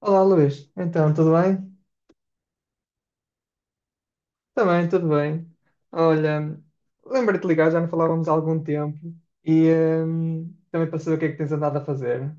Olá, Luís. Então, tudo bem? Também, tudo bem. Olha, lembrei-te de ligar, já não falávamos há algum tempo e também para saber o que é que tens andado a fazer.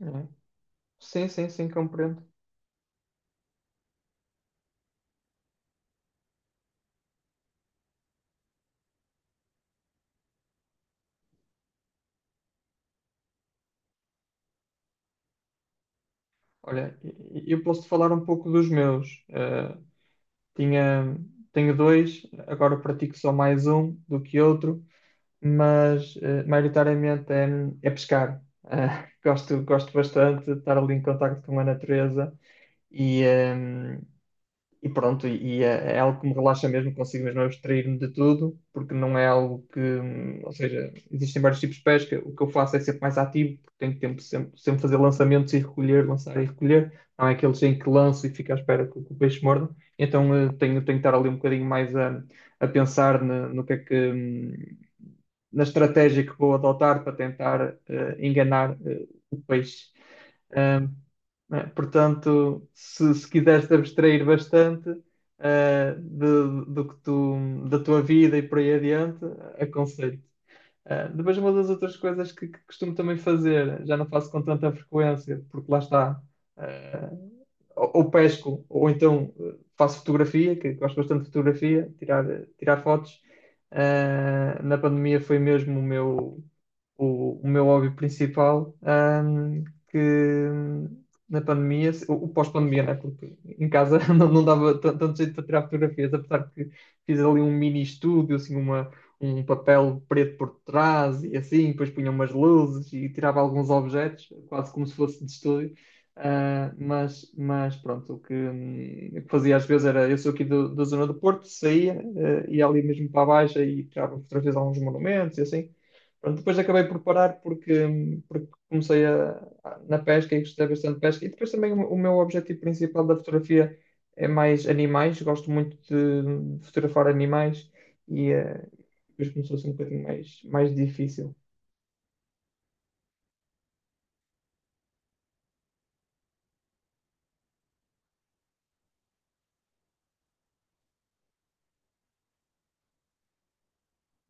É. Sim, sim, sim, compreendo. Olha, e eu posso-te falar um pouco dos meus. Tinha, tenho dois, agora pratico só mais um do que outro, mas maioritariamente é pescar. Gosto bastante de estar ali em contacto com a natureza e, hum, E pronto, é algo que me relaxa mesmo, consigo mesmo abstrair-me de tudo, porque não é algo que, existem vários tipos de pesca. O que eu faço é sempre mais ativo, porque tenho tempo de sempre fazer lançamentos e recolher, lançar e recolher, não é aqueles em que lanço e fico à espera que o peixe morda. Então tenho que estar ali um bocadinho mais a pensar no que é que, na estratégia que vou adotar para tentar enganar o peixe. Hum, né? Portanto, se quiseres te abstrair bastante da tua vida e por aí adiante, aconselho. Depois, uma das outras coisas que costumo também fazer, já não faço com tanta frequência, porque lá está, eh, ou pesco, ou então faço fotografia, que gosto bastante de fotografia, tirar fotos. Na pandemia foi mesmo o o meu hobby principal, que hum, na pandemia, o pós-pandemia, né? Porque em casa não dava tanto jeito para tirar fotografias, apesar que fiz ali um mini estúdio, assim, um papel preto por trás e assim, depois punha umas luzes e tirava alguns objetos, quase como se fosse de estúdio. Mas mas pronto, o que fazia às vezes era, eu sou aqui da zona do Porto, saía, ia ali mesmo para a Baixa e tirava fotografias a alguns monumentos e assim. Pronto, depois acabei por parar porque, porque comecei na pesca e gostei bastante de pesca. E depois também o meu objetivo principal da fotografia é mais animais. Gosto muito de fotografar animais e depois começou a ser um bocadinho mais difícil.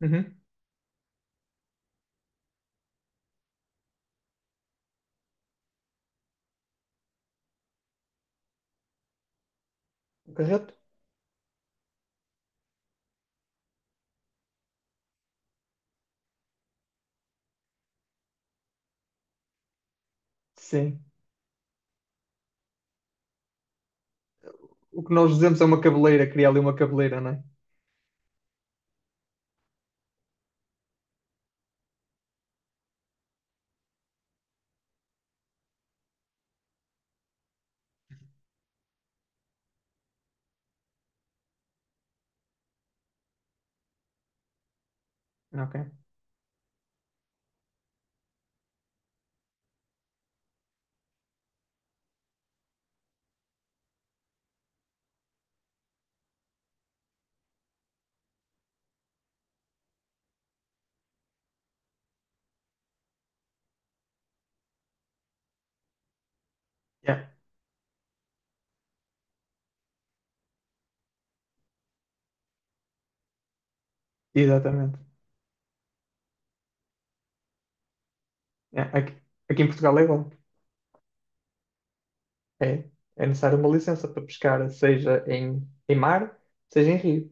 Uhum. O. Sim. O que nós dizemos é uma cabeleira, criar ali uma cabeleira, não é? Ok. Yeah. Exatamente. É. Aqui em Portugal é igual. É, é necessário uma licença para pescar, em mar, seja em rio.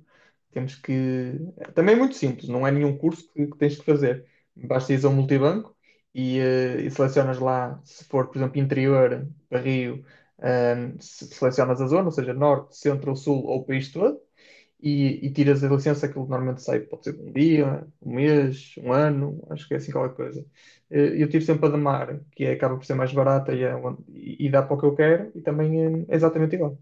Temos que. Também é muito simples, não é nenhum curso que tens que fazer. Basta ir a um multibanco e, e selecionas lá, se for, por exemplo, interior, para rio, selecionas a zona, ou seja, norte, centro, sul ou país todo, e tiras a licença. Aquilo normalmente sai, pode ser um dia, um mês, um ano, acho que é assim qualquer coisa. Eu tiro sempre a da Mar, que é, acaba por ser mais barata e é e dá para o que eu quero e também é exatamente igual.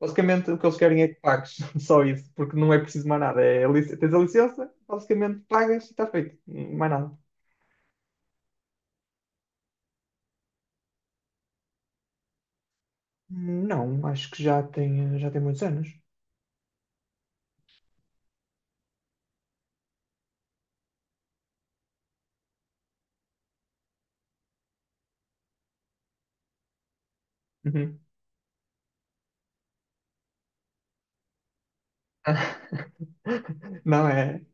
Basicamente o que eles querem é que pagues, só isso, porque não é preciso mais nada. É, tens a licença, basicamente pagas e está feito, mais nada. Não, acho que já tem muitos anos. Uhum. Não é?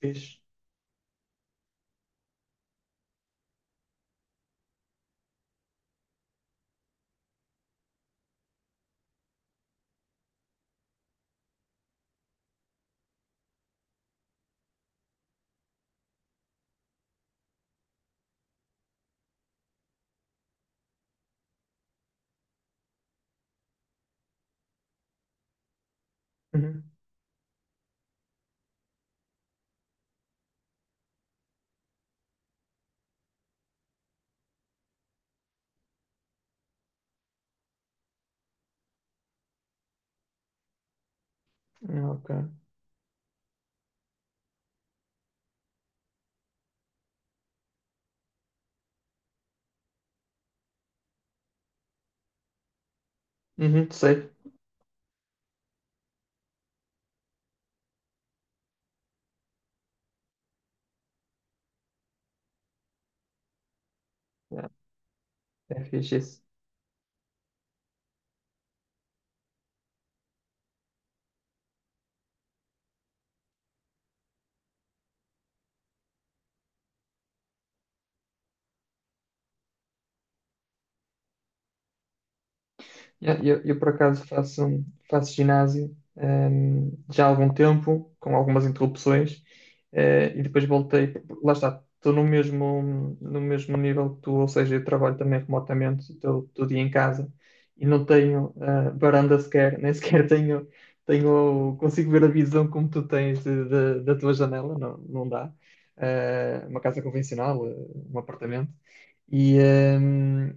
Fixe. Uhum. Ok. Uhum, sei. É, é fixe isso. Yeah. Eu, por acaso faço, faço ginásio, já há algum tempo, com algumas interrupções, e depois voltei. Lá está, estou no no mesmo nível que tu, ou seja, eu trabalho também remotamente, estou todo dia em casa e não tenho varanda sequer, nem sequer tenho, consigo ver a visão como tu tens da tua janela, não dá. Uma casa convencional, um apartamento. E, hum,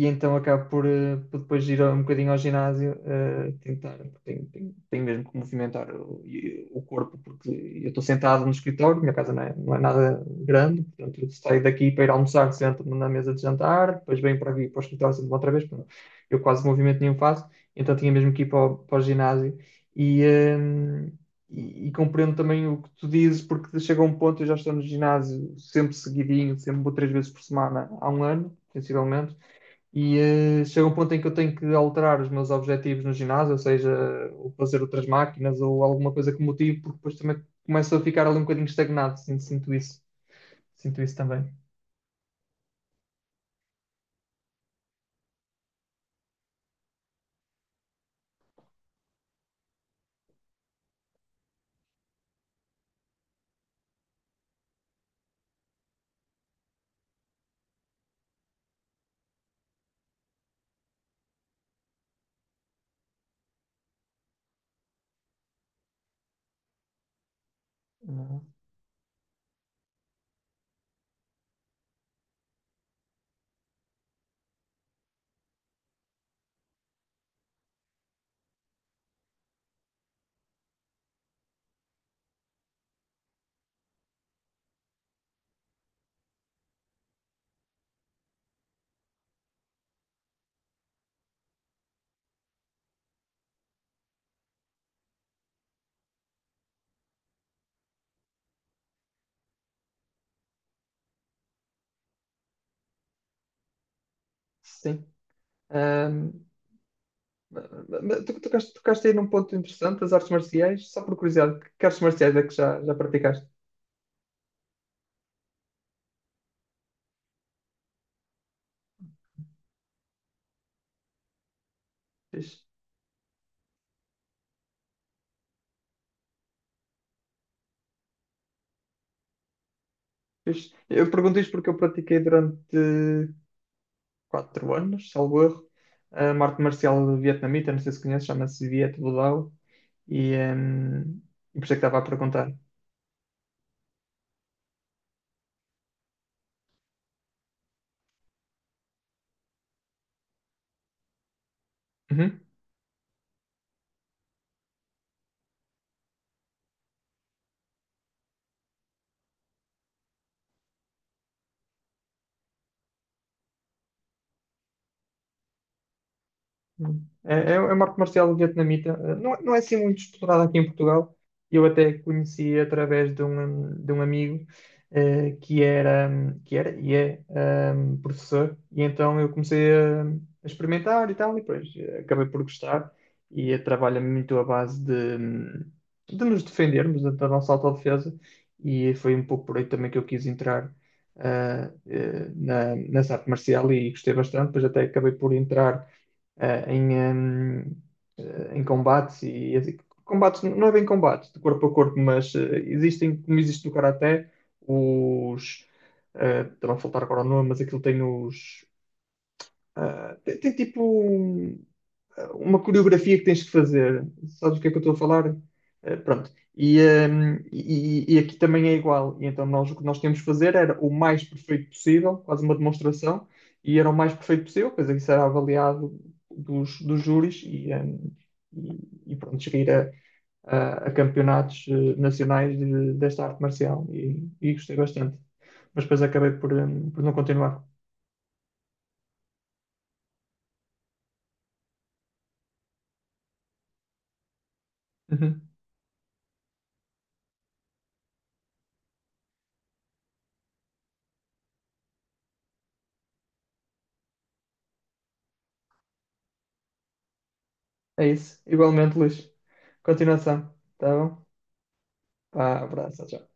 e então acabo por, por depois ir um bocadinho ao ginásio, tentar, porque tenho mesmo que movimentar o corpo, porque eu estou sentado no escritório. Minha casa não é nada grande, portanto eu saio daqui para ir almoçar, sento-me na mesa de jantar, depois venho para aqui para o escritório, sento-me outra vez. Portanto, eu quase movimento nenhum faço. Então tinha mesmo que ir para para o ginásio e... e compreendo também o que tu dizes, porque chega um ponto, eu já estou no ginásio sempre seguidinho, sempre vou três vezes por semana há um ano, sensivelmente, e chega um ponto em que eu tenho que alterar os meus objetivos no ginásio, ou seja, ou fazer outras máquinas ou alguma coisa que me motive, porque depois também começo a ficar ali um bocadinho estagnado. Sinto isso, sinto isso também. Ah. Sim. Ahm, mas tocaste aí num ponto interessante, as artes marciais. Só por curiosidade, que artes marciais é que já praticaste? Fixe, Fixe. Eu pergunto isto porque eu pratiquei durante quatro anos, salvo erro. Uma arte marcial vietnamita, não sei se conheces, chama-se Viet Vo Dao. E e por isso é que estava a perguntar. Uhum. Hum. É, é uma arte marcial vietnamita. Não, não é assim muito explorada aqui em Portugal. Eu até conheci através de um amigo eh, que era, que era e é professor. E então eu comecei a experimentar e tal. E depois acabei por gostar. E trabalha muito à base de nos defendermos, da nossa autodefesa. E foi um pouco por aí também que eu quis entrar nessa arte marcial e gostei bastante. Depois até acabei por entrar eh, em, em, em combates assim. Combates não é bem combates de corpo a corpo, mas existem, como existe no karaté, os estava a faltar agora o nome, mas aquilo tem os tem tipo uma coreografia que tens que fazer. Sabes o que é que eu estou a falar? Pronto. E aqui também é igual. E então nós o que nós tínhamos de fazer era o mais perfeito possível, quase uma demonstração, e era o mais perfeito possível, pois isso era avaliado dos júris e pronto, cheguei a campeonatos nacionais desta arte marcial e gostei bastante. Mas depois acabei por não continuar. Uhum. É isso. Igualmente, Luís. Continuação. Tá bom? Ah, abraço, tchau.